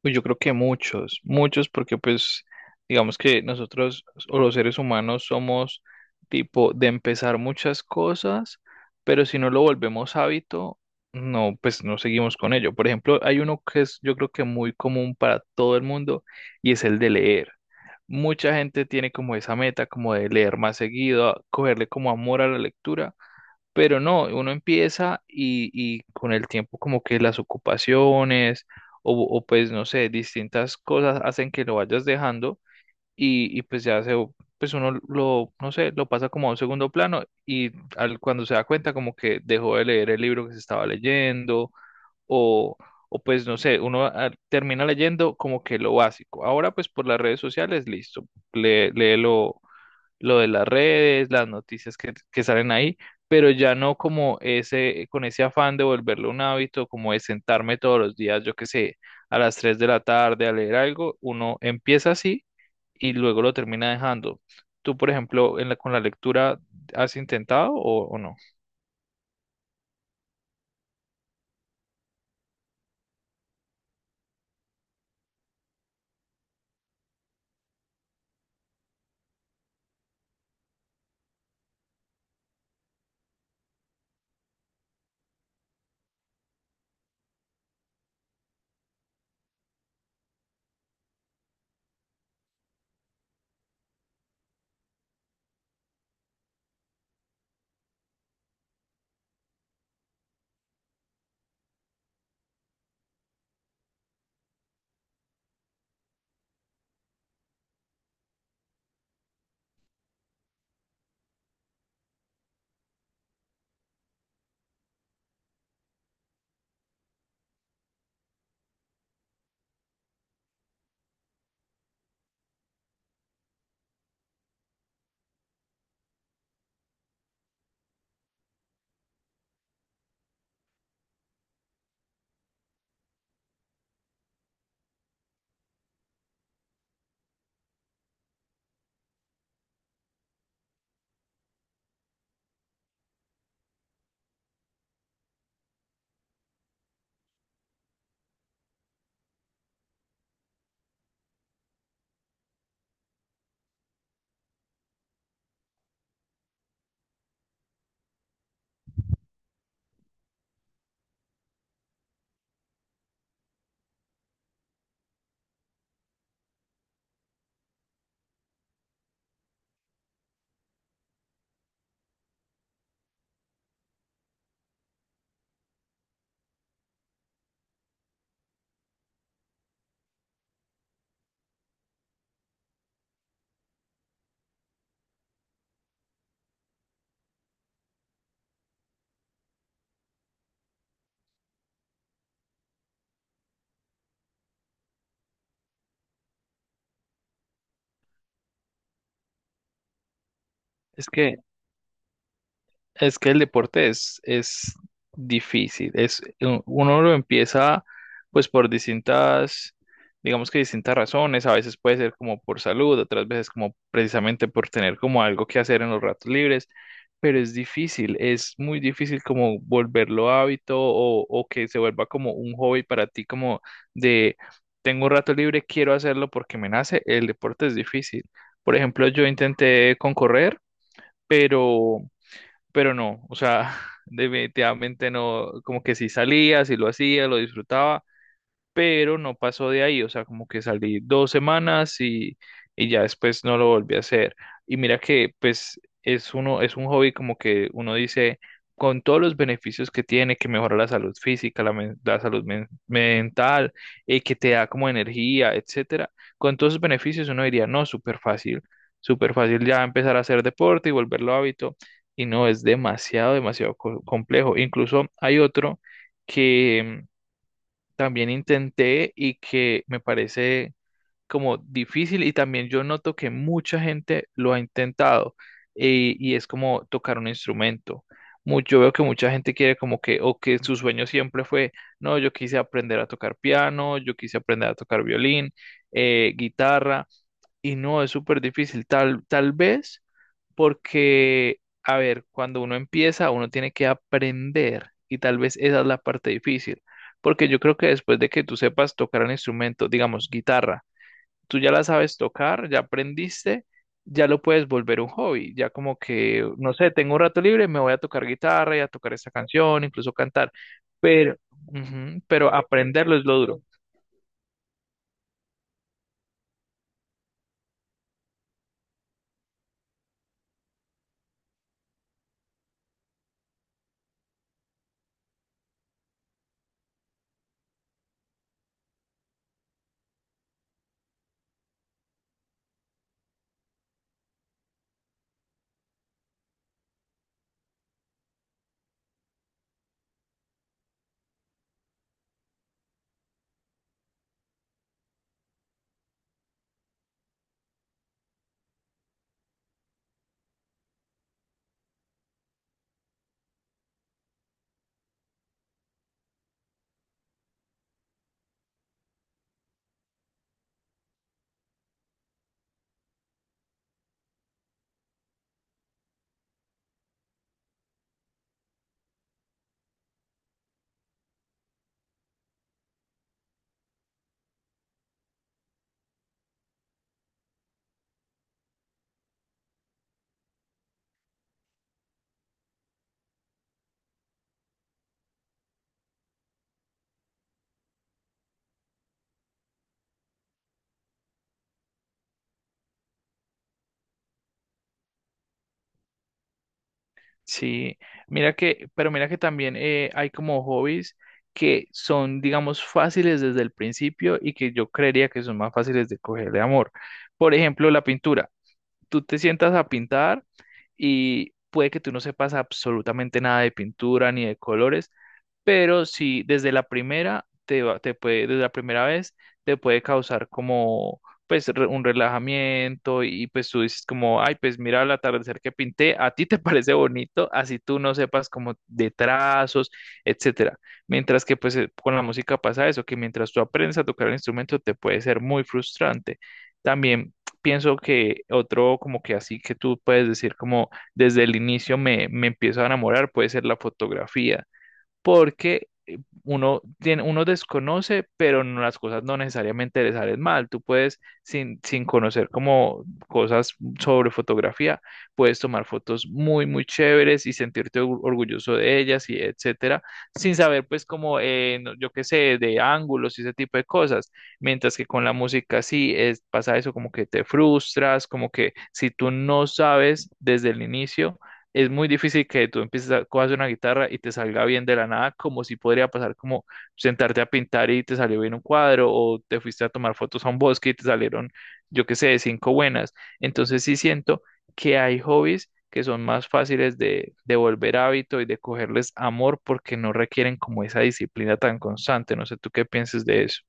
Pues yo creo que muchos, muchos porque pues digamos que nosotros o los seres humanos somos tipo de empezar muchas cosas, pero si no lo volvemos hábito, no, pues no seguimos con ello. Por ejemplo, hay uno que es yo creo que muy común para todo el mundo y es el de leer. Mucha gente tiene como esa meta como de leer más seguido, cogerle como amor a la lectura, pero no, uno empieza y con el tiempo como que las ocupaciones o pues no sé, distintas cosas hacen que lo vayas dejando y pues ya se, pues uno lo, no sé, lo pasa como a un segundo plano y al, cuando se da cuenta como que dejó de leer el libro que se estaba leyendo o, o pues no sé, uno termina leyendo como que lo básico. Ahora pues por las redes sociales, listo, léelo lo de las redes, las noticias que salen ahí, pero ya no como ese, con ese afán de volverlo un hábito, como de sentarme todos los días, yo qué sé, a las 3 de la tarde a leer algo, uno empieza así y luego lo termina dejando. Tú, por ejemplo, en la, con la lectura, ¿has intentado o no? Es que Es que el deporte es difícil. Es, uno lo empieza pues por distintas, digamos que distintas razones. A veces puede ser como por salud, otras veces como precisamente por tener como algo que hacer en los ratos libres. Pero es difícil, es muy difícil como volverlo hábito o que se vuelva como un hobby para ti, como de tengo un rato libre, quiero hacerlo porque me nace. El deporte es difícil. Por ejemplo, yo intenté con correr, pero pero no, o sea, definitivamente no, como que sí salía, sí lo hacía, lo disfrutaba, pero no pasó de ahí, o sea, como que salí 2 semanas y ya después no lo volví a hacer. Y mira que pues es uno, es un hobby como que uno dice, con todos los beneficios que tiene, que mejora la salud física, la salud mental, que te da como energía, etcétera, con todos esos beneficios uno diría, no, súper fácil ya empezar a hacer deporte y volverlo hábito. Y no, es demasiado, demasiado complejo. Incluso hay otro que también intenté y que me parece como difícil y también yo noto que mucha gente lo ha intentado y es como tocar un instrumento. Yo veo que mucha gente quiere como que, o que su sueño siempre fue, no, yo quise aprender a tocar piano, yo quise aprender a tocar violín, guitarra, y no, es súper difícil. Tal, tal vez porque, a ver, cuando uno empieza, uno tiene que aprender y tal vez esa es la parte difícil, porque yo creo que después de que tú sepas tocar un instrumento, digamos guitarra, tú ya la sabes tocar, ya aprendiste, ya lo puedes volver un hobby, ya como que, no sé, tengo un rato libre, me voy a tocar guitarra y a tocar esta canción, incluso cantar, pero, ujú, pero aprenderlo es lo duro. Sí, mira que, pero mira que también hay como hobbies que son, digamos, fáciles desde el principio y que yo creería que son más fáciles de coger de amor. Por ejemplo, la pintura. Tú te sientas a pintar y puede que tú no sepas absolutamente nada de pintura ni de colores, pero si desde la primera te puede, desde la primera vez te puede causar como pues un relajamiento y pues tú dices como, ay, pues mira el atardecer que pinté, a ti te parece bonito, así tú no sepas como de trazos, etcétera. Mientras que pues con la música pasa eso, que mientras tú aprendes a tocar el instrumento te puede ser muy frustrante. También pienso que otro como que así que tú puedes decir como desde el inicio me empiezo a enamorar puede ser la fotografía porque uno tiene, uno desconoce, pero las cosas no necesariamente le salen mal. Tú puedes, sin conocer como cosas sobre fotografía, puedes tomar fotos muy, muy chéveres y sentirte orgulloso de ellas y etcétera, sin saber pues como, yo qué sé, de ángulos y ese tipo de cosas. Mientras que con la música sí es, pasa eso como que te frustras, como que si tú no sabes desde el inicio es muy difícil que tú empieces a cojas una guitarra y te salga bien de la nada, como si podría pasar como sentarte a pintar y te salió bien un cuadro, o te fuiste a tomar fotos a un bosque y te salieron, yo qué sé, cinco buenas. Entonces sí siento que hay hobbies que son más fáciles de volver hábito y de cogerles amor porque no requieren como esa disciplina tan constante. No sé tú qué pienses de eso.